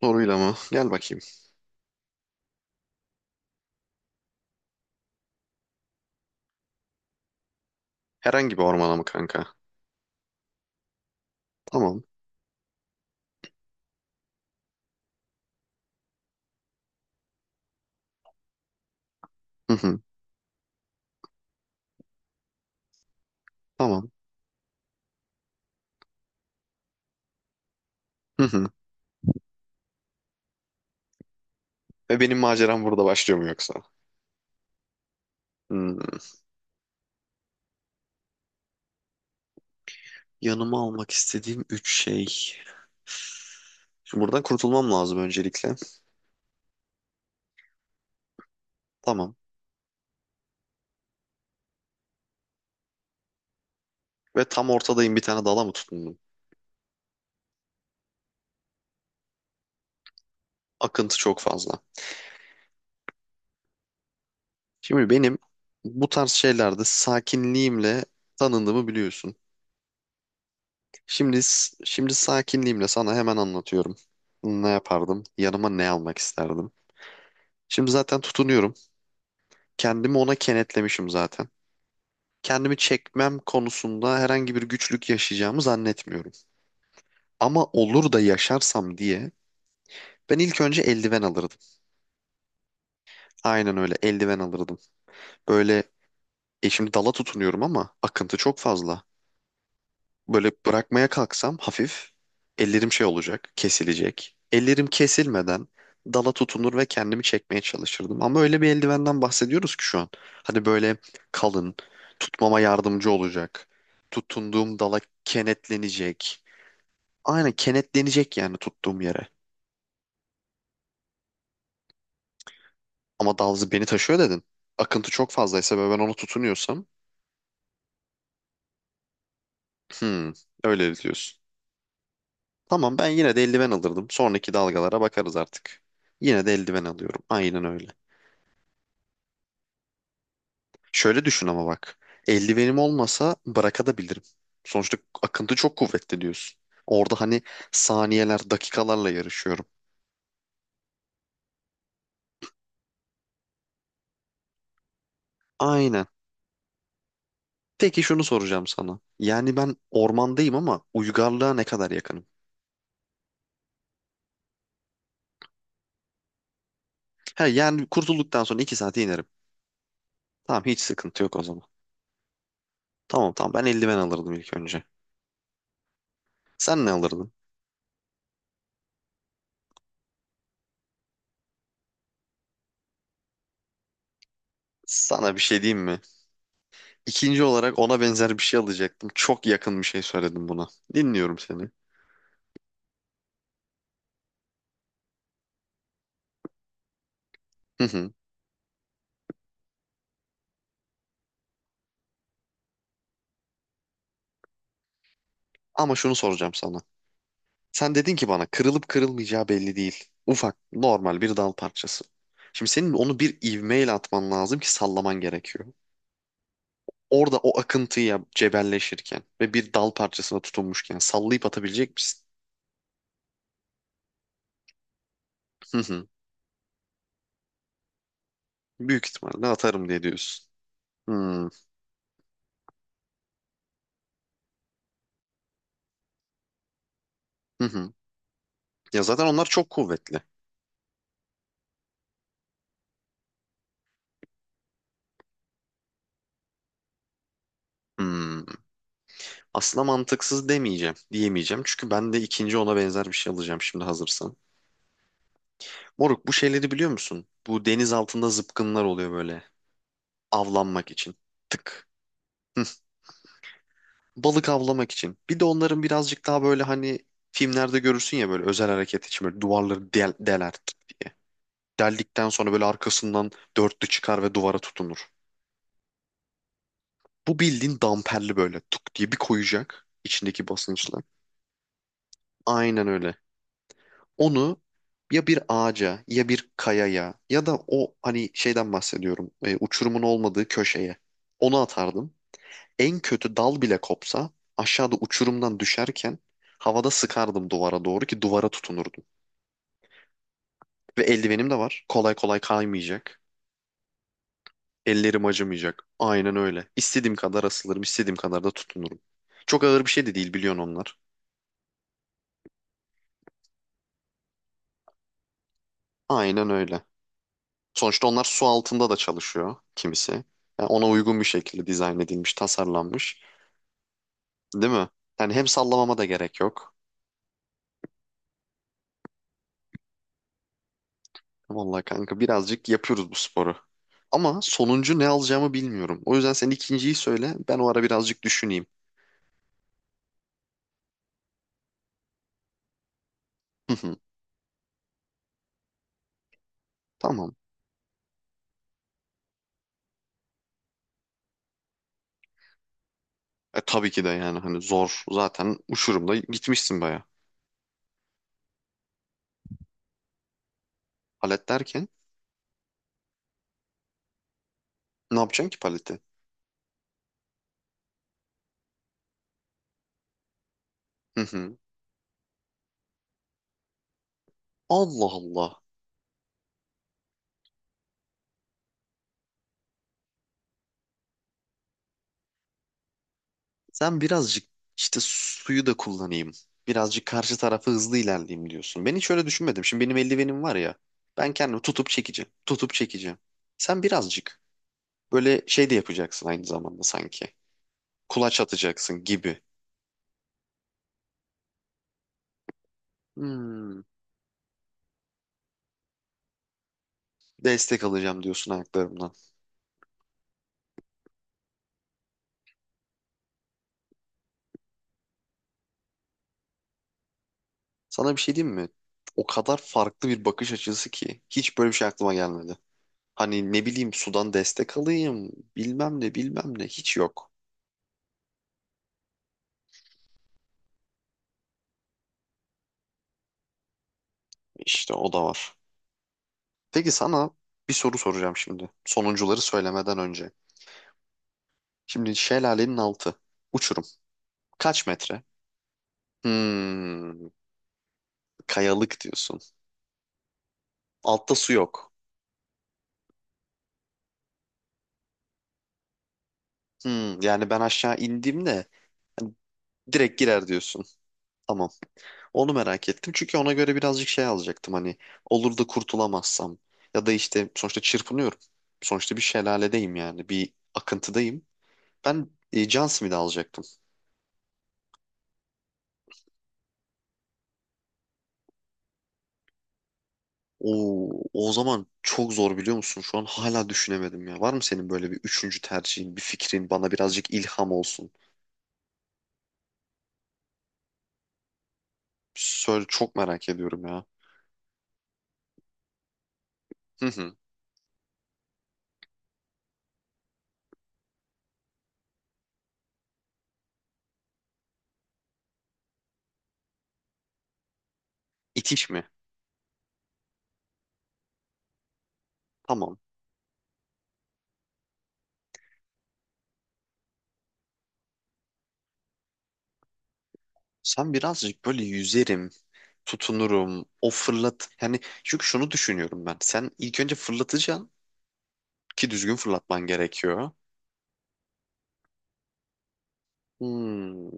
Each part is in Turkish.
Soruyla mı? Gel bakayım. Herhangi bir ormana mı kanka? Tamam. Hı hı. Tamam. Hı hı. Ve benim maceram burada başlıyor mu yoksa? Hmm. Yanıma almak istediğim üç şey. Şimdi buradan kurtulmam lazım öncelikle. Tamam. Ve tam ortadayım bir tane dala mı tutundum? Akıntı çok fazla. Şimdi benim bu tarz şeylerde sakinliğimle tanındığımı biliyorsun. Şimdi şimdi sakinliğimle sana hemen anlatıyorum. Ne yapardım? Yanıma ne almak isterdim? Şimdi zaten tutunuyorum. Kendimi ona kenetlemişim zaten. Kendimi çekmem konusunda herhangi bir güçlük yaşayacağımı zannetmiyorum. Ama olur da yaşarsam diye ben ilk önce eldiven alırdım. Aynen öyle eldiven alırdım. Böyle şimdi dala tutunuyorum ama akıntı çok fazla. Böyle bırakmaya kalksam hafif ellerim şey olacak, kesilecek. Ellerim kesilmeden dala tutunur ve kendimi çekmeye çalışırdım. Ama öyle bir eldivenden bahsediyoruz ki şu an. Hani böyle kalın, tutmama yardımcı olacak. Tutunduğum dala kenetlenecek. Aynen kenetlenecek yani tuttuğum yere. Ama dal beni taşıyor dedin. Akıntı çok fazlaysa ve ben ona tutunuyorsam, hmm, öyle diyorsun. Tamam ben yine de eldiven alırdım. Sonraki dalgalara bakarız artık. Yine de eldiven alıyorum. Aynen öyle. Şöyle düşün ama bak. Eldivenim olmasa bırakabilirim. Sonuçta akıntı çok kuvvetli diyorsun. Orada hani saniyeler, dakikalarla yarışıyorum. Aynen. Peki şunu soracağım sana. Yani ben ormandayım ama uygarlığa ne kadar yakınım? He, yani kurtulduktan sonra 2 saate inerim. Tamam hiç sıkıntı yok o zaman. Tamam tamam ben eldiven alırdım ilk önce. Sen ne alırdın? Sana bir şey diyeyim mi? İkinci olarak ona benzer bir şey alacaktım. Çok yakın bir şey söyledim buna. Dinliyorum seni. Hı hı. Ama şunu soracağım sana. Sen dedin ki bana kırılıp kırılmayacağı belli değil. Ufak, normal bir dal parçası. Şimdi senin onu bir ivmeyle atman lazım ki sallaman gerekiyor. Orada o akıntıya cebelleşirken ve bir dal parçasına tutunmuşken sallayıp atabilecek misin? Hı hı. Büyük ihtimalle atarım diye diyorsun. Hmm, Hı hı. Ya zaten onlar çok kuvvetli. Hmm. Aslında mantıksız demeyeceğim, diyemeyeceğim. Çünkü ben de ikinci ona benzer bir şey alacağım şimdi hazırsan. Moruk bu şeyleri biliyor musun? Bu deniz altında zıpkınlar oluyor böyle. Avlanmak için. Tık. Hı. Balık avlamak için. Bir de onların birazcık daha böyle hani filmlerde görürsün ya böyle özel hareket için böyle duvarları deler. Deldikten sonra böyle arkasından dörtlü çıkar ve duvara tutunur. Bu bildiğin damperli böyle tuk diye bir koyacak içindeki basınçla. Aynen öyle. Onu ya bir ağaca ya bir kayaya ya da o hani şeyden bahsediyorum uçurumun olmadığı köşeye onu atardım. En kötü dal bile kopsa aşağıda uçurumdan düşerken havada sıkardım duvara doğru ki duvara tutunurdum. Ve eldivenim de var. Kolay kolay kaymayacak. Ellerim acımayacak. Aynen öyle. İstediğim kadar asılırım, istediğim kadar da tutunurum. Çok ağır bir şey de değil biliyorsun onlar. Aynen öyle. Sonuçta onlar su altında da çalışıyor kimisi. Yani ona uygun bir şekilde dizayn edilmiş, tasarlanmış. Değil mi? Yani hem sallamama da gerek yok. Vallahi kanka birazcık yapıyoruz bu sporu. Ama sonuncu ne alacağımı bilmiyorum. O yüzden sen ikinciyi söyle. Ben o ara birazcık düşüneyim. Hı hı, Tamam. E tabii ki de yani hani zor. Zaten uçurumda gitmişsin baya. Palet derken ne yapacaksın ki paleti? Hı hı. Allah Allah. Sen birazcık işte suyu da kullanayım. Birazcık karşı tarafa hızlı ilerleyeyim diyorsun. Ben hiç öyle düşünmedim. Şimdi benim eldivenim var ya. Ben kendimi tutup çekeceğim. Tutup çekeceğim. Sen birazcık böyle şey de yapacaksın aynı zamanda sanki. Kulaç atacaksın gibi. Hmm, destek alacağım diyorsun ayaklarımdan. Sana bir şey diyeyim mi? O kadar farklı bir bakış açısı ki hiç böyle bir şey aklıma gelmedi. Hani ne bileyim sudan destek alayım, bilmem ne bilmem ne hiç yok. İşte o da var. Peki sana bir soru soracağım şimdi. Sonuncuları söylemeden önce. Şimdi şelalenin altı. Uçurum. Kaç metre? Hmm, kayalık diyorsun. Altta su yok. Yani ben aşağı indiğimde direkt girer diyorsun. Tamam. Onu merak ettim. Çünkü ona göre birazcık şey alacaktım hani olur da kurtulamazsam ya da işte sonuçta çırpınıyorum. Sonuçta bir şelaledeyim yani bir akıntıdayım. Ben John Smith'i alacaktım. Oo, o zaman çok zor biliyor musun? Şu an hala düşünemedim ya. Var mı senin böyle bir üçüncü tercihin, bir fikrin bana birazcık ilham olsun? Söyle çok merak ediyorum ya. Hı hı. İtiş mi? Tamam. Sen birazcık böyle yüzerim, tutunurum, o fırlat. Yani çünkü şunu düşünüyorum ben. Sen ilk önce fırlatacaksın. Ki düzgün fırlatman gerekiyor. Hmm.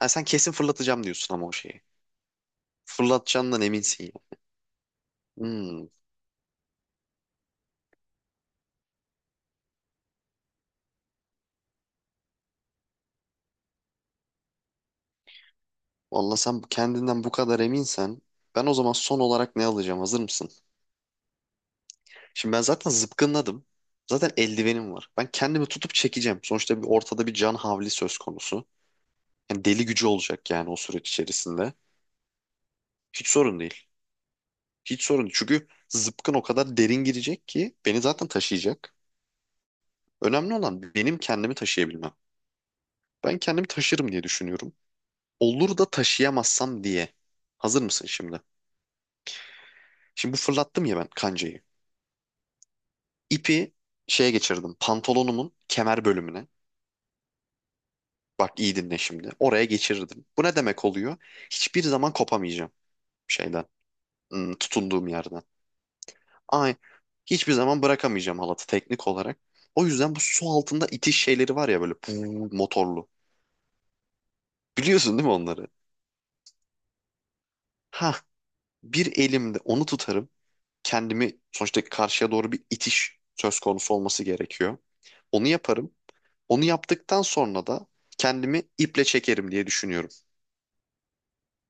Ha, sen kesin fırlatacağım diyorsun ama o şeyi. Fırlatacağından eminsin ya. Hmm. Vallahi sen kendinden bu kadar eminsen ben o zaman son olarak ne alacağım? Hazır mısın? Şimdi ben zaten zıpkınladım. Zaten eldivenim var. Ben kendimi tutup çekeceğim. Sonuçta bir ortada bir can havli söz konusu. Yani deli gücü olacak yani o süreç içerisinde. Hiç sorun değil. Hiç sorun değil. Çünkü zıpkın o kadar derin girecek ki beni zaten taşıyacak. Önemli olan benim kendimi taşıyabilmem. Ben kendimi taşırım diye düşünüyorum. Olur da taşıyamazsam diye. Hazır mısın şimdi? Şimdi bu fırlattım ya ben kancayı. İpi şeye geçirdim. Pantolonumun kemer bölümüne. Bak iyi dinle şimdi. Oraya geçirdim. Bu ne demek oluyor? Hiçbir zaman kopamayacağım şeyden. Tutunduğum yerden. Ay, hiçbir zaman bırakamayacağım halatı teknik olarak. O yüzden bu su altında itiş şeyleri var ya böyle puu, motorlu. Biliyorsun değil mi onları? Ha, bir elimde onu tutarım. Kendimi sonuçta karşıya doğru bir itiş söz konusu olması gerekiyor. Onu yaparım. Onu yaptıktan sonra da kendimi iple çekerim diye düşünüyorum.